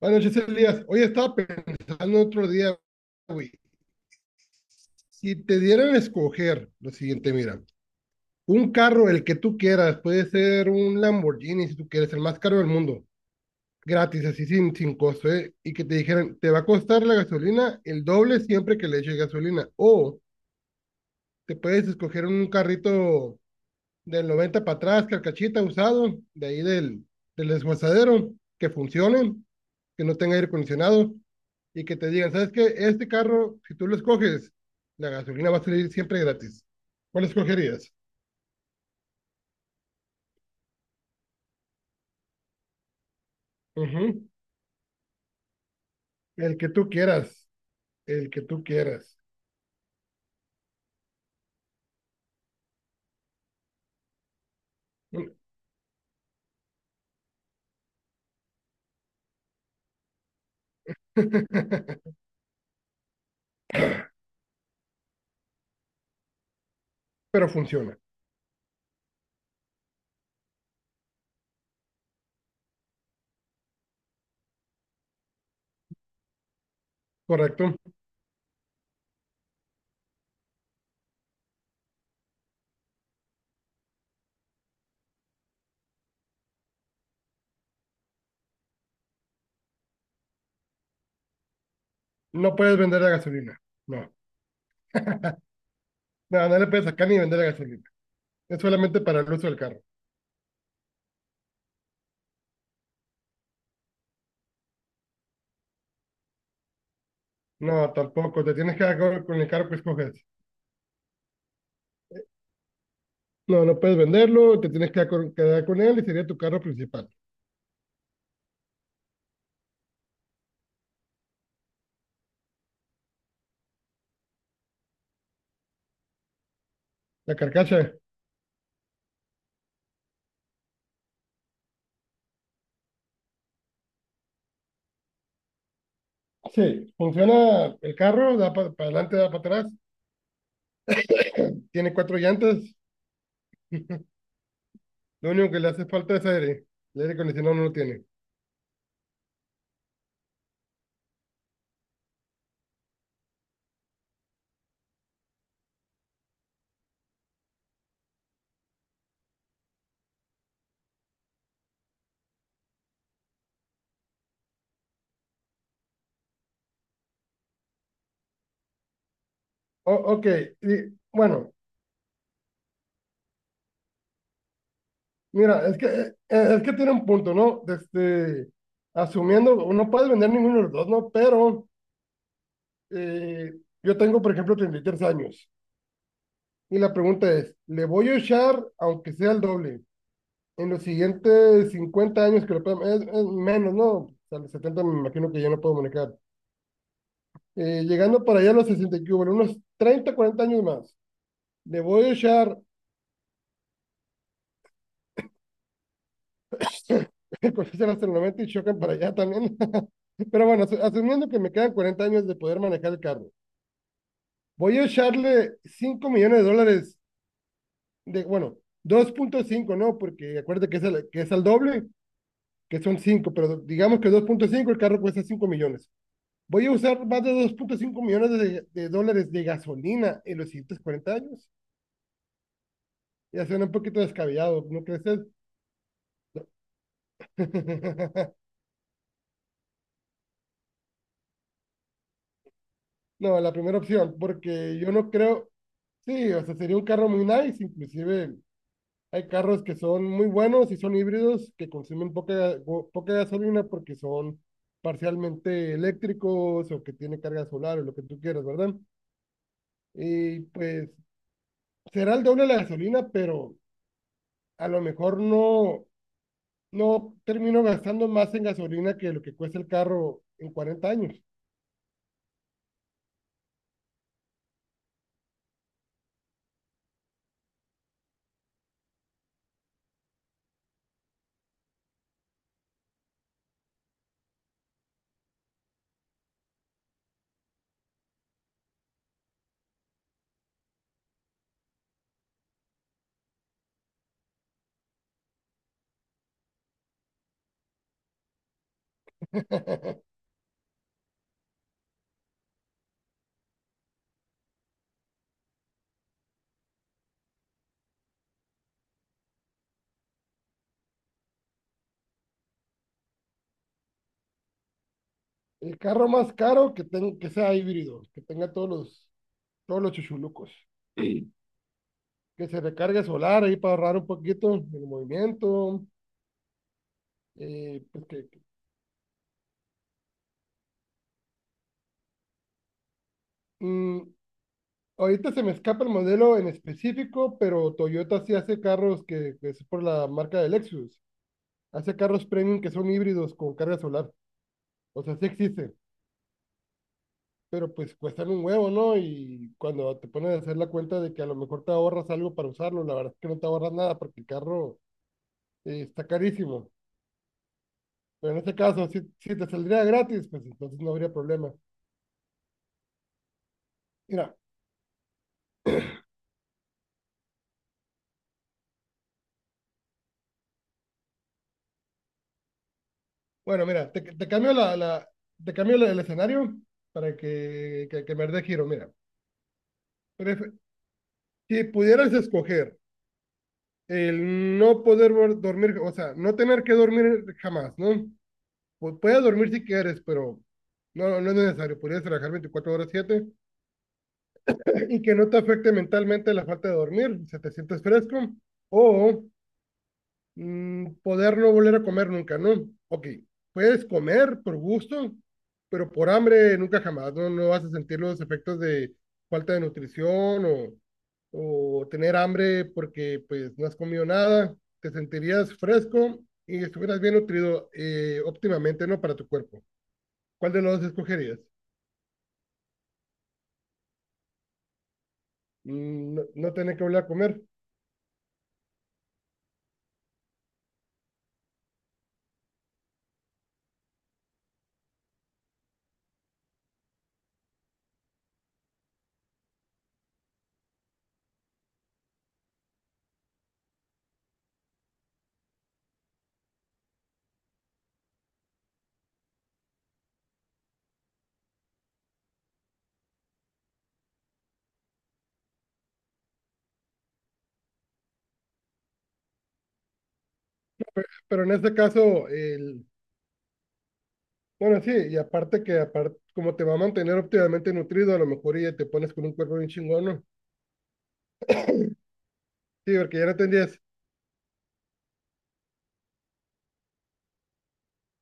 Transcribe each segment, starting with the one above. Buenas noches, Elías. Hoy estaba pensando otro día, güey. Si te dieran a escoger lo siguiente, mira, un carro, el que tú quieras, puede ser un Lamborghini, si tú quieres, el más caro del mundo, gratis, así sin costo, ¿eh? Y que te dijeran, te va a costar la gasolina el doble siempre que le eches gasolina. O te puedes escoger un carrito del 90 para atrás, carcachita usado, de ahí del desguazadero, que funcionen, que no tenga aire acondicionado y que te digan, ¿sabes qué? Este carro, si tú lo escoges, la gasolina va a salir siempre gratis. ¿Cuál escogerías? Ujú. El que tú quieras, el que tú quieras. Pero funciona, correcto. No puedes vender la gasolina, no. No, no le puedes sacar ni vender la gasolina. Es solamente para el uso del carro. No, tampoco. Te tienes que quedar con el carro que escoges. No, no puedes venderlo, te tienes que quedar con él y sería tu carro principal. La carcacha. Sí, funciona el carro, da para adelante, da para atrás, tiene cuatro llantas, lo único que le hace falta es aire, el aire acondicionado no lo tiene. Ok. Y, bueno, mira, es que tiene un punto, ¿no? Este, asumiendo, no puedes vender ninguno de los dos, ¿no? Pero eh, yo tengo, por ejemplo, 33 años y la pregunta es, ¿le voy a echar aunque sea el doble? En los siguientes 50 años, es menos, ¿no? A los 70 me imagino que ya no puedo manejar. Llegando para allá a los 60 y que hubo, en unos 30 40 años más, le voy a echar cosas hasta el 90 y chocan para allá también. Pero bueno, asumiendo que me quedan 40 años de poder manejar el carro, voy a echarle $5 millones, bueno, 2.5, ¿no? Porque acuérdate que que es al doble, que son 5 pero digamos que 2.5 el carro cuesta 5 millones. Voy a usar más de 2.5 millones de, dólares de gasolina en los siguientes 40 años. Ya suena un poquito descabellado, ¿no crees? No, la primera opción, porque yo no creo, sí, o sea, sería un carro muy nice, inclusive hay carros que son muy buenos y son híbridos que consumen poca, poca gasolina porque son parcialmente eléctricos o que tienen carga solar o lo que tú quieras, ¿verdad? Y pues será el doble de la gasolina, pero a lo mejor no, no termino gastando más en gasolina que lo que cuesta el carro en 40 años. El carro más caro que, que sea híbrido, que tenga todos los chuchulucos. Que se recargue solar ahí para ahorrar un poquito el movimiento. eh, pues que- que- mm, Ahorita se me escapa el modelo en específico, pero Toyota sí hace carros que es por la marca de Lexus. Hace carros premium que son híbridos con carga solar. O sea, sí existe. Pero pues cuestan un huevo, ¿no? Y cuando te pones a hacer la cuenta de que a lo mejor te ahorras algo para usarlo, la verdad es que no te ahorras nada porque el carro está carísimo. Pero en este caso, si te saldría gratis, pues entonces no habría problema. Mira, bueno, mira, te cambio la, la- te cambio la- el escenario para que me dé giro, mira. Pref- si pudieras escoger el no poder dormir, o sea, no tener que dormir jamás, ¿no? Puedes dormir si quieres, pero no, no es necesario. Podrías trabajar 24/7. Y que no te afecte mentalmente la falta de dormir, se te sientes fresco, o poder no volver a comer nunca, ¿no? Ok, puedes comer por gusto, pero por hambre nunca jamás, ¿no? No vas a sentir los efectos de falta de nutrición o tener hambre porque pues no has comido nada, te sentirías fresco y estuvieras bien nutrido, óptimamente, ¿no? Para tu cuerpo. ¿Cuál de los dos escogerías? No, no tener que volver a comer, pero en este caso el bueno, sí, y aparte que aparte, como te va a mantener óptimamente nutrido, a lo mejor y ya te pones con un cuerpo bien chingón, ¿no? Sí, porque ya no tendrías,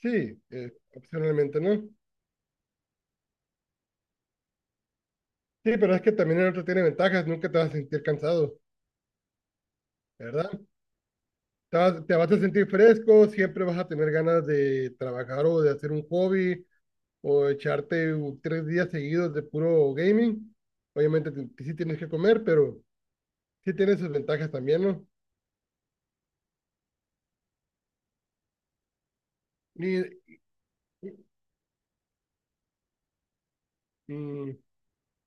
sí, opcionalmente, ¿no? Sí, pero es que también el otro tiene ventajas, nunca te vas a sentir cansado, ¿verdad? Te vas a sentir fresco, siempre vas a tener ganas de trabajar o de hacer un hobby o echarte 3 días seguidos de puro gaming. Obviamente sí tienes que comer, pero sí tiene sus ventajas también, ¿no? Y, y- mm,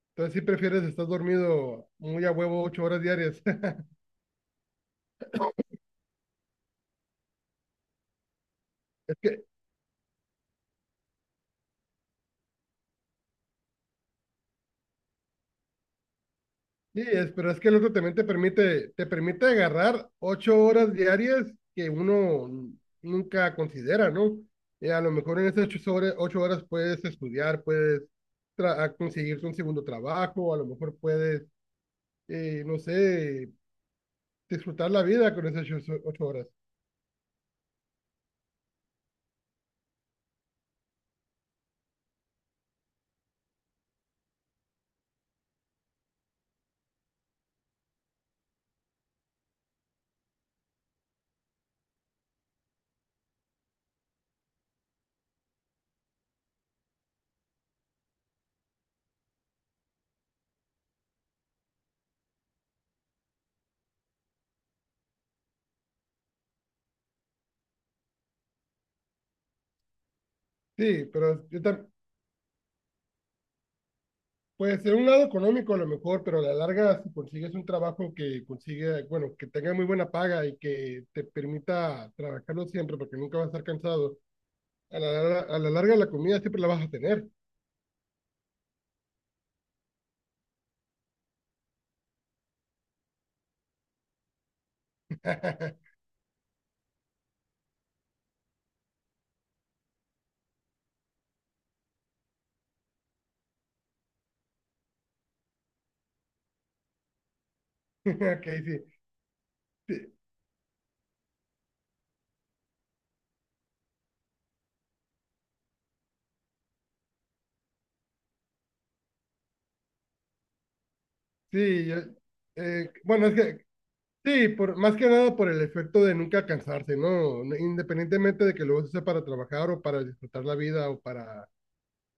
Entonces, si prefieres, estás dormido muy a huevo 8 horas diarias. Es que, sí, es, pero es que el otro también te permite agarrar 8 horas diarias que uno nunca considera, ¿no? Y a lo mejor en esas 8 horas, ocho horas puedes estudiar, puedes tra- a conseguirte un segundo trabajo, a lo mejor puedes, no sé, disfrutar la vida con esas 8 horas. Sí, pero yo, pues en un lado económico a lo mejor, pero a la larga, si consigues un trabajo que consigue, bueno, que tenga muy buena paga y que te permita trabajarlo siempre porque nunca vas a estar cansado, a a la larga la comida siempre la vas a tener. Ok, sí. Sí, sí, bueno, es que sí, por, más que nada por el efecto de nunca cansarse, ¿no? No, independientemente de que lo uses para trabajar o para disfrutar la vida o para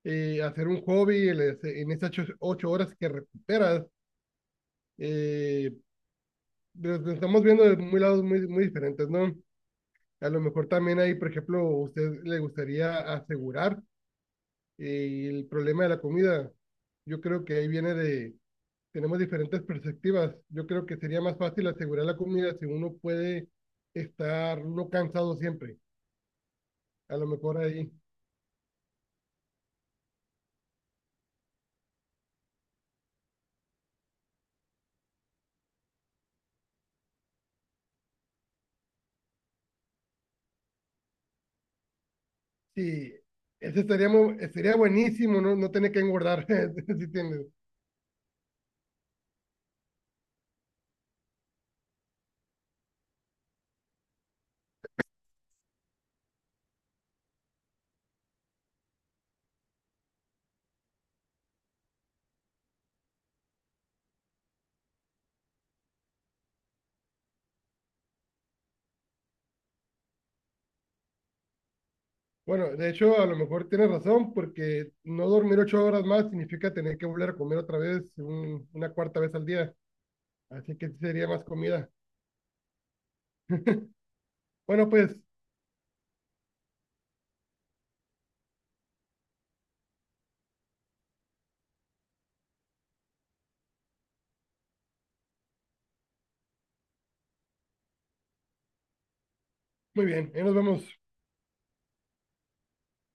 hacer un hobby en esas 8 horas que recuperas, eh, lo estamos viendo de muy lados muy, muy diferentes, ¿no? A lo mejor también ahí, por ejemplo, a usted le gustaría asegurar el problema de la comida. Yo creo que ahí viene de, tenemos diferentes perspectivas. Yo creo que sería más fácil asegurar la comida si uno puede estar no cansado siempre. A lo mejor ahí, sí, ese estaría, sería buenísimo, ¿no? No tener que engordar, si tienes. Bueno, de hecho, a lo mejor tienes razón, porque no dormir 8 horas más significa tener que volver a comer otra vez, una cuarta vez al día. Así que sí sería más comida. Bueno, pues, muy bien, ahí nos vemos.